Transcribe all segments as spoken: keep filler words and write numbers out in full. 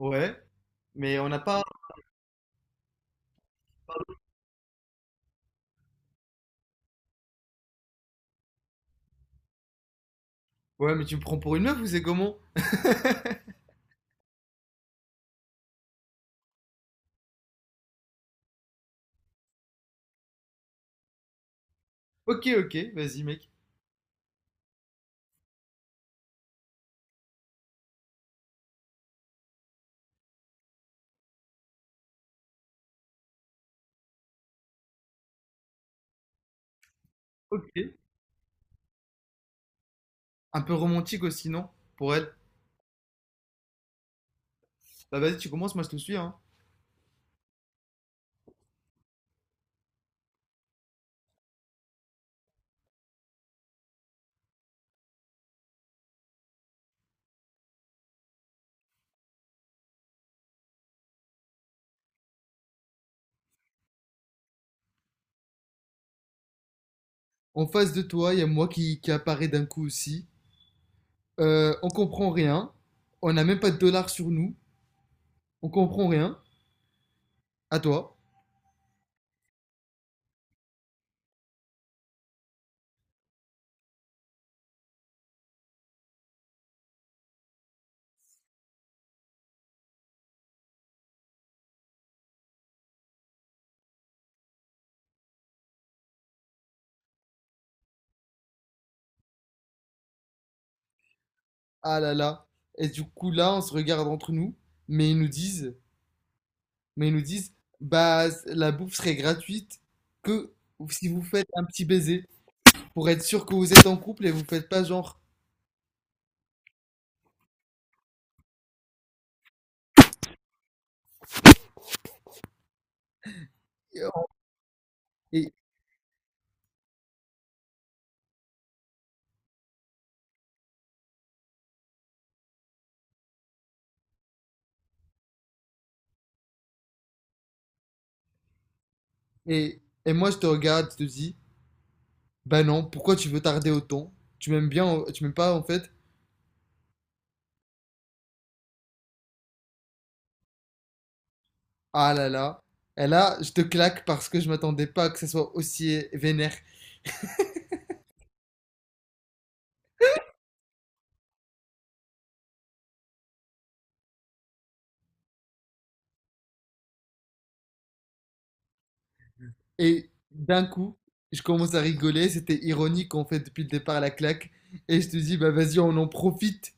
Ouais, mais on n'a pas. Ouais, mais tu me prends pour une meuf ou c'est comment? Ok, ok, vas-y, mec. Ok. Un peu romantique aussi, non? Pour elle. Bah, vas-y, tu commences, moi je te suis, hein. En face de toi, il y a moi qui, qui apparaît d'un coup aussi. Euh, on comprend rien. On n'a même pas de dollars sur nous. On comprend rien. À toi. Ah là là. Et du coup, là, on se regarde entre nous. Mais ils nous disent, mais ils nous disent, bah, la bouffe serait gratuite que si vous faites un petit baiser. Pour être sûr que vous êtes en couple et vous faites pas genre. Et, et, et moi, je te regarde, je te dis, bah non, pourquoi tu veux tarder autant? Tu m'aimes bien, euh, tu m'aimes pas en fait? Ah là là. Et là, je te claque parce que je m'attendais pas que ça soit aussi vénère. Et d'un coup, je commence à rigoler, c'était ironique en fait depuis le départ la claque. Et je te dis, bah vas-y, on en profite.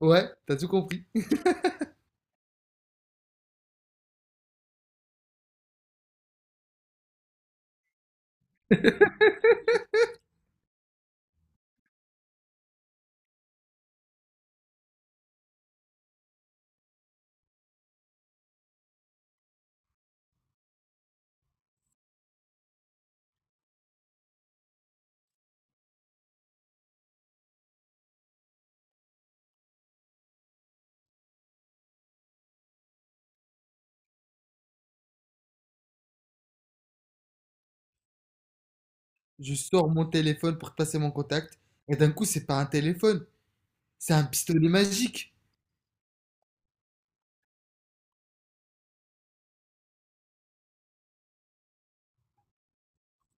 Ouais, t'as tout compris. Je sors mon téléphone pour te passer mon contact. Et d'un coup, c'est pas un téléphone, c'est un pistolet magique.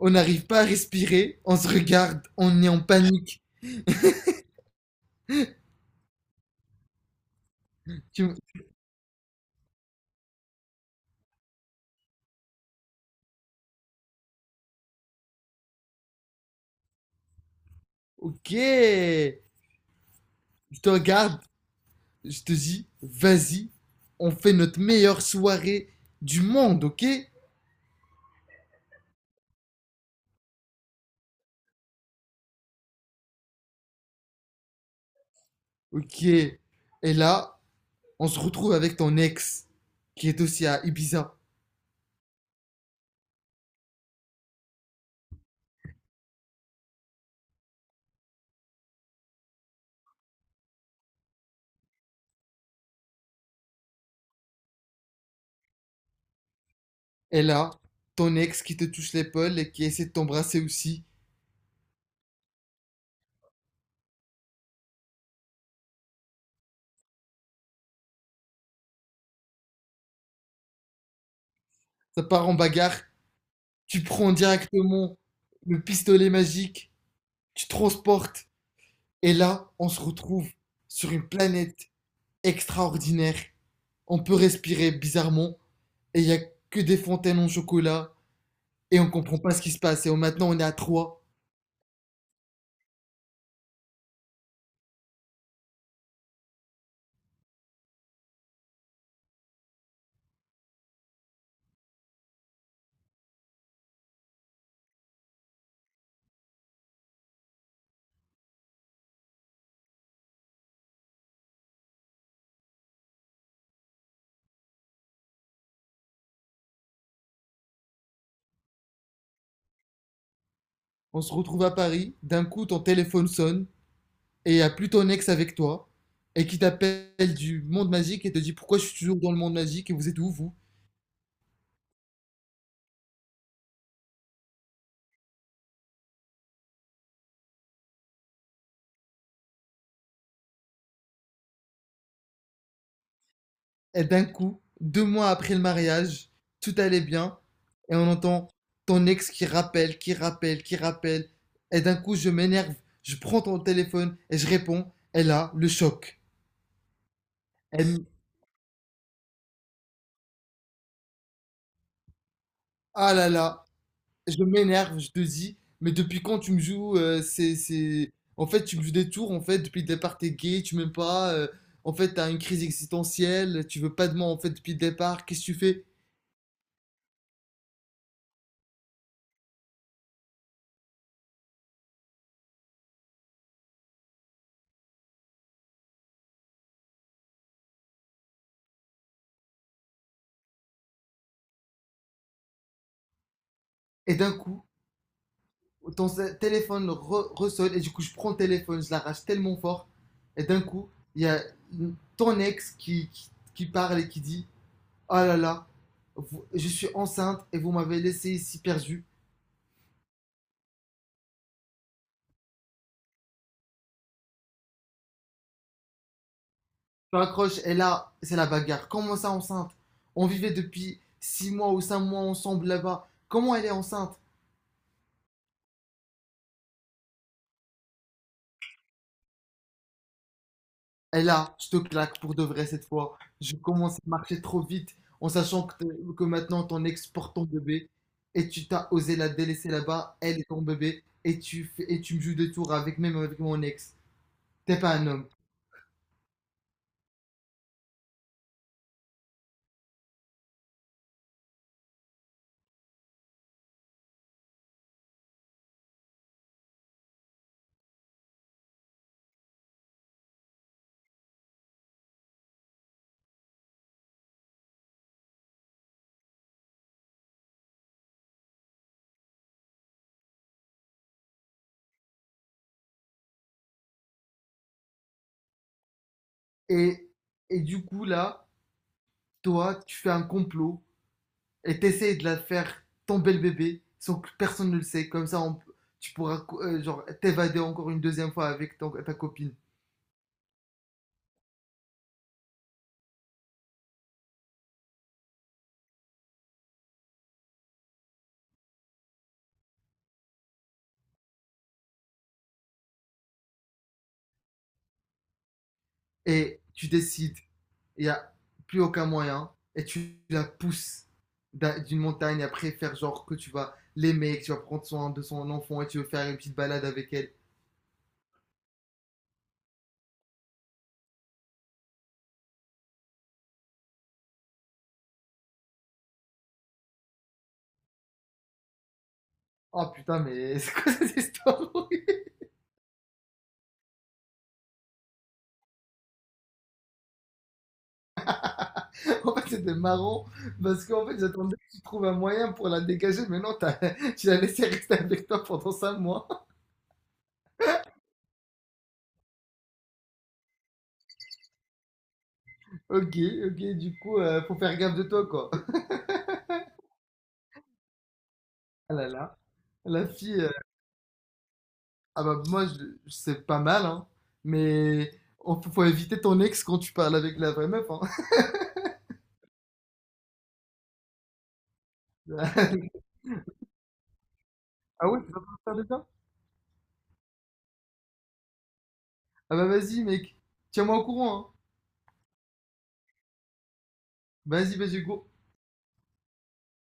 On n'arrive pas à respirer, on se regarde, on est en panique. Tu, Ok. Je te regarde, je te dis, vas-y, on fait notre meilleure soirée du monde, ok? Ok. Et là, on se retrouve avec ton ex, qui est aussi à Ibiza. Et là, ton ex qui te touche l'épaule et qui essaie de t'embrasser aussi. Ça part en bagarre. Tu prends directement le pistolet magique. Tu transportes. Et là, on se retrouve sur une planète extraordinaire. On peut respirer bizarrement et il n'y a que des fontaines en chocolat et on comprend pas ce qui se passe. Et maintenant, on est à trois. On se retrouve à Paris. D'un coup, ton téléphone sonne et il n'y a plus ton ex avec toi et qui t'appelle du monde magique et te dit pourquoi je suis toujours dans le monde magique et vous êtes où vous. Et d'un coup, deux mois après le mariage, tout allait bien et on entend ton ex qui rappelle, qui rappelle, qui rappelle. Et d'un coup, je m'énerve, je prends ton téléphone et je réponds. Et là, le choc. Elle me- Ah là là, je m'énerve, je te dis, mais depuis quand tu me joues euh, c'est, c'est... En fait, tu me joues des tours, en fait, depuis le départ, t'es gay, tu m'aimes pas, euh, en fait, t'as une crise existentielle, tu veux pas de moi, en fait, depuis le départ, qu'est-ce que tu fais? Et d'un coup, ton s- téléphone re- ressonne, et du coup, je prends le téléphone, je l'arrache tellement fort, et d'un coup, il y a une- ton ex qui, qui, qui parle et qui dit, ah là là, vous- je suis enceinte et vous m'avez laissé ici perdu. M'accroche, et là, c'est la bagarre. Comment ça, enceinte? On vivait depuis six mois ou cinq mois ensemble là-bas. Comment elle est enceinte? Et là, je te claque pour de vrai cette fois. Je commence à marcher trop vite en sachant que, t'es- que maintenant ton ex porte ton bébé et tu t'as osé la délaisser là-bas, elle est ton bébé et tu, fais- et tu me joues des tours avec même avec mon ex. T'es pas un homme. Et, et du coup là, toi, tu fais un complot et t'essayes de la faire tomber le bébé sans que personne ne le sait. Comme ça, on- tu pourras euh, genre t'évader encore une deuxième fois avec ton- ta copine. Et tu décides, il n'y a plus aucun moyen, et tu la pousses d'une montagne après faire genre que tu vas l'aimer, que tu vas prendre soin de son enfant et tu veux faire une petite balade avec elle. Oh putain, mais c'est quoi cette histoire? En fait, c'était marrant parce qu'en fait, j'attendais que tu trouves un moyen pour la dégager, mais non, t'as- tu l'as laissé rester avec toi pendant cinq mois. Ok, ok, du coup, euh, faut faire gaffe de toi, quoi. Ah là là. La fille, euh, ah bah moi, je- c'est pas mal, hein. Mais on, faut éviter ton ex quand tu parles avec la vraie meuf, hein. Ah ouais, tu vas pas me faire déjà? Ah bah vas-y, mec. Tiens-moi au courant, hein. Vas-y, vas-y, go.